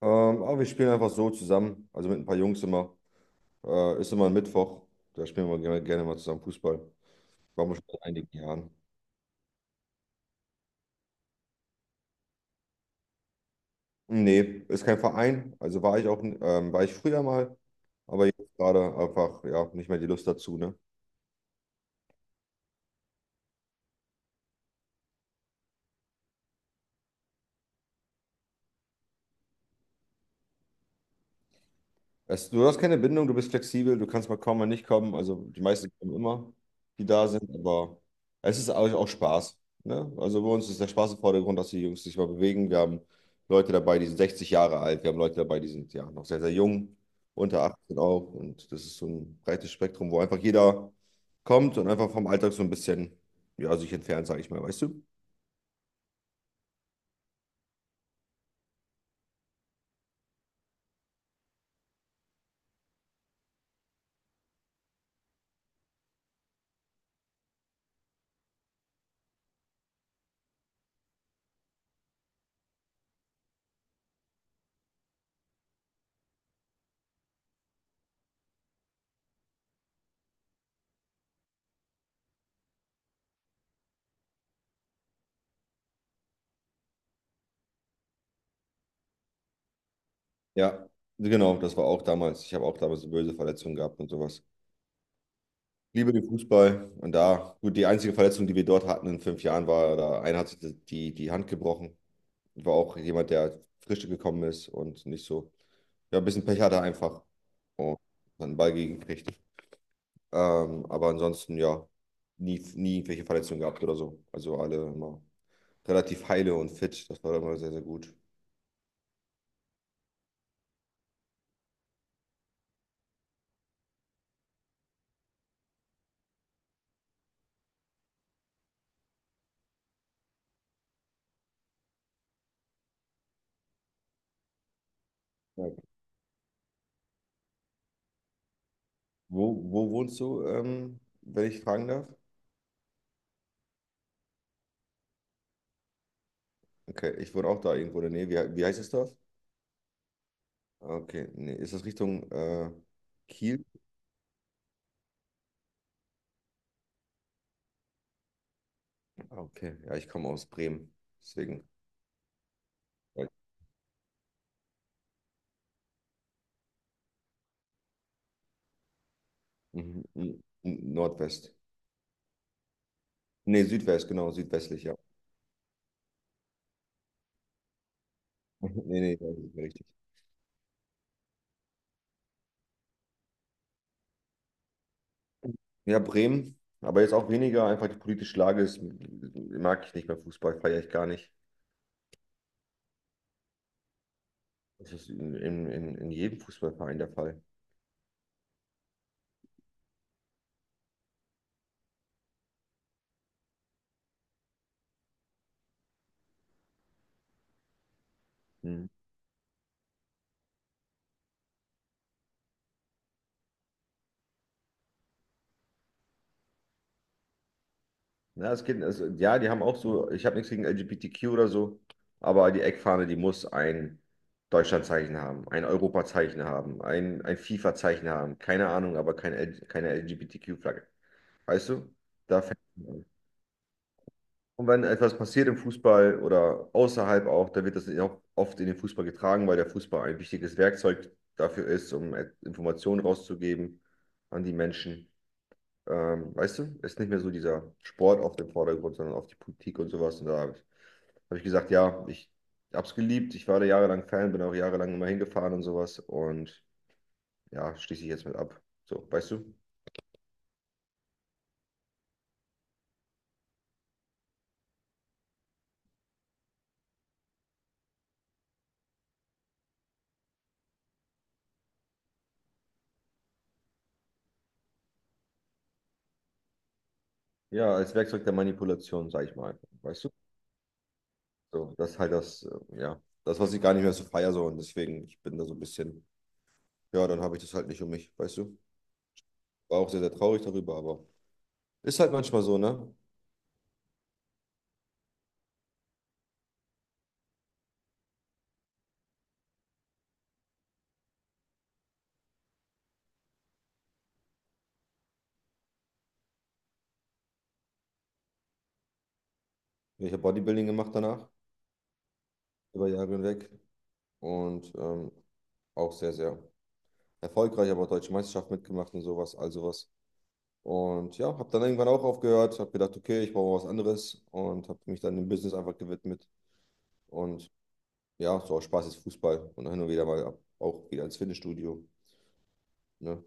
Aber wir spielen einfach so zusammen, also mit ein paar Jungs immer. Ist immer ein Mittwoch, da spielen wir gerne, gerne mal zusammen Fußball. Waren wir schon seit einigen Jahren. Nee, ist kein Verein, also war ich auch, war ich früher mal, aber jetzt gerade einfach, ja, nicht mehr die Lust dazu, ne? Du hast keine Bindung, du bist flexibel, du kannst mal kommen, mal nicht kommen. Also die meisten kommen immer, die da sind, aber es ist auch Spaß. Ne? Also bei uns ist der Spaß im Vordergrund, dass die Jungs sich mal bewegen. Wir haben Leute dabei, die sind 60 Jahre alt, wir haben Leute dabei, die sind ja noch sehr, sehr jung, unter 18 auch. Und das ist so ein breites Spektrum, wo einfach jeder kommt und einfach vom Alltag so ein bisschen, ja, sich entfernt, sage ich mal, weißt du? Ja, genau, das war auch damals. Ich habe auch damals eine böse Verletzung gehabt und sowas. Liebe den Fußball und da, gut, die einzige Verletzung, die wir dort hatten in 5 Jahren, war, da einer hat sich die Hand gebrochen. War auch jemand, der frisch gekommen ist und nicht so, ja, ein bisschen Pech hatte einfach und hat einen Ball gekriegt. Aber ansonsten, ja, nie, nie irgendwelche Verletzungen gehabt oder so. Also alle immer relativ heile und fit. Das war immer sehr, sehr gut. Ja. Wo, wo wohnst du, wenn ich fragen darf? Okay, ich wohne auch da irgendwo in der Nähe. Wie heißt das Dorf? Okay, nee, ist das Richtung Kiel? Ah, okay. Ja, ich komme aus Bremen. Deswegen. äh, Mhm. Nordwest. Nee, Südwest, genau, südwestlich, ja. Nee, nee, das ist richtig. Ja, Bremen, aber jetzt auch weniger, einfach die politische Lage ist, mag ich nicht mehr Fußball, feiere ich gar nicht. Das ist in jedem Fußballverein der Fall. Mhm. Na, es geht, es, ja, die haben auch so, ich habe nichts gegen LGBTQ oder so, aber die Eckfahne, die muss ein Deutschlandzeichen haben, ein Europazeichen haben, ein FIFA-Zeichen haben, keine Ahnung, aber keine LGBTQ-Flagge. Weißt du? Da fängt an. Und wenn etwas passiert im Fußball oder außerhalb auch, dann wird das auch oft in den Fußball getragen, weil der Fußball ein wichtiges Werkzeug dafür ist, um Informationen rauszugeben an die Menschen. Weißt du, ist nicht mehr so dieser Sport auf dem Vordergrund, sondern auf die Politik und sowas. Und da habe ich, hab ich gesagt, ja, ich habe es geliebt. Ich war da jahrelang Fan, bin auch jahrelang immer hingefahren und sowas. Und ja, schließe ich jetzt mit ab. So, weißt du? Ja, als Werkzeug der Manipulation, sag ich mal. Weißt du? So, das ist halt das, ja, das, was ich gar nicht mehr so feier, so. Und deswegen, ich bin da so ein bisschen, ja, dann habe ich das halt nicht um mich, weißt du? War auch sehr, sehr traurig darüber, aber ist halt manchmal so, ne? Ich habe Bodybuilding gemacht danach, über Jahre hinweg. Und auch sehr, sehr erfolgreich, aber Deutsche Meisterschaft mitgemacht und sowas, all sowas. Und ja, habe dann irgendwann auch aufgehört, habe gedacht, okay, ich brauche was anderes und habe mich dann dem Business einfach gewidmet. Und ja, so aus Spaß ist Fußball und hin und wieder mal ab, auch wieder ins Fitnessstudio. Ne?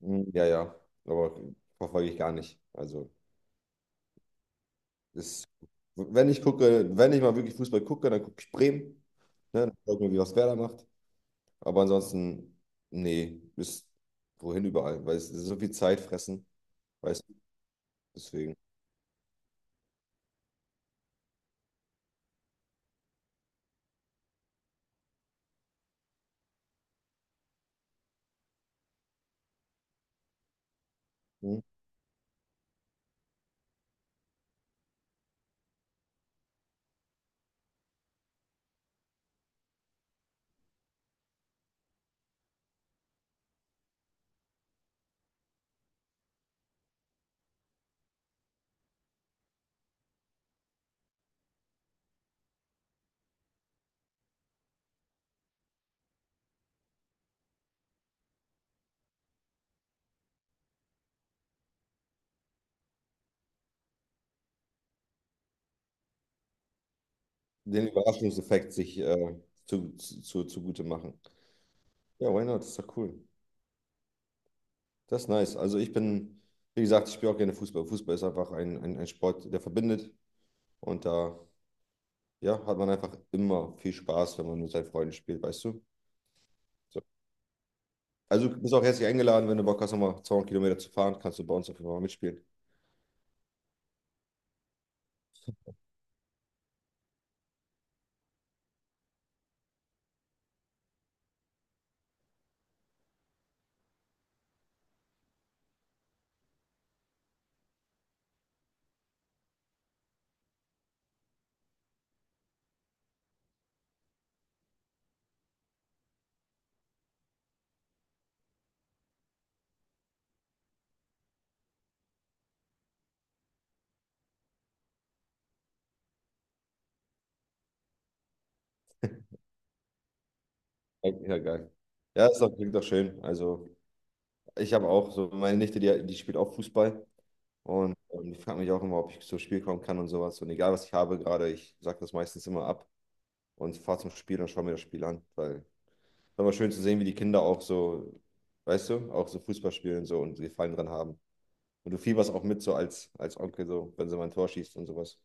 Mm, ja, ja, aber verfolge ich gar nicht. Also, ist, wenn ich gucke, wenn ich mal wirklich Fußball gucke, dann gucke ich Bremen. Ne? Dann gucke ich mir, wie was Werder macht. Aber ansonsten, nee, bis wohin überall, weil es so viel Zeit fressen. Weißt. Deswegen. Hm? Den Überraschungseffekt sich zugute machen. Ja, why not? Ist doch cool. Das ist nice. Also ich bin, wie gesagt, ich spiele auch gerne Fußball. Fußball ist einfach ein Sport, der verbindet. Und da, ja, hat man einfach immer viel Spaß, wenn man mit seinen Freunden spielt, weißt du? So. Also du bist auch herzlich eingeladen, wenn du Bock hast, nochmal 200 Kilometer zu fahren, kannst du bei uns auf jeden Fall mal mitspielen. Ja, ja, geil. Ja, ist doch, klingt doch schön. Also ich habe auch so, meine Nichte, die spielt auch Fußball. Und ich frage mich auch immer, ob ich zum Spiel kommen kann und sowas. Und egal, was ich habe gerade, ich sage das meistens immer ab und fahre zum Spiel und schaue mir das Spiel an. Weil es ist immer schön zu sehen, wie die Kinder auch so, weißt du, auch so Fußball spielen und so und Gefallen dran haben. Und du fieberst auch mit so als Onkel, so, wenn sie mal ein Tor schießt und sowas.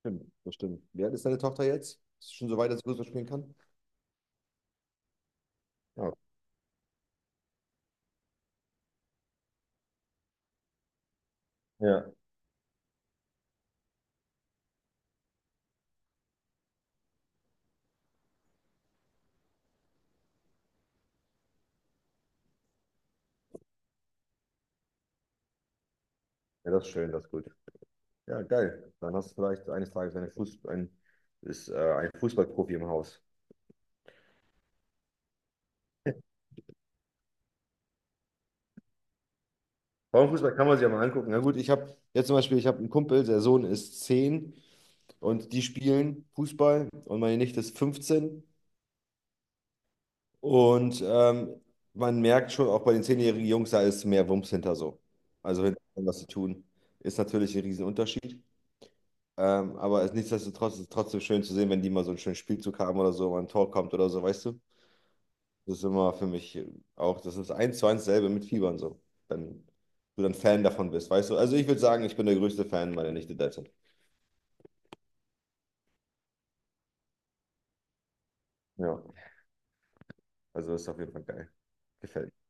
Stimmt, das stimmt. Wie alt ist deine Tochter jetzt? Ist sie schon so weit, dass sie Fußball spielen kann? Ja. Ja, ja, das ist schön, das ist gut. Ja, geil. Dann hast du vielleicht eines Tages ein Fußballprofi im Haus. Frauenfußball kann man sich ja mal angucken. Na gut, ich habe jetzt zum Beispiel, ich habe einen Kumpel, der Sohn ist 10 und die spielen Fußball und meine Nichte ist 15. Und man merkt schon auch bei den 10-jährigen Jungs, da ist mehr Wumms hinter so. Also wenn was sie tun, ist natürlich ein Riesenunterschied. Aber es, nichtsdestotrotz ist es trotzdem schön zu sehen, wenn die mal so einen schönen Spielzug haben oder so, mal ein Tor kommt oder so, weißt du? Das ist immer für mich auch, das ist eins zu eins selbe mit Fiebern so. Wenn du dann Fan davon bist, weißt du? Also ich würde sagen, ich bin der größte Fan meiner Nichte derzeit. Ja, also ist auf jeden Fall geil. Gefällt mir.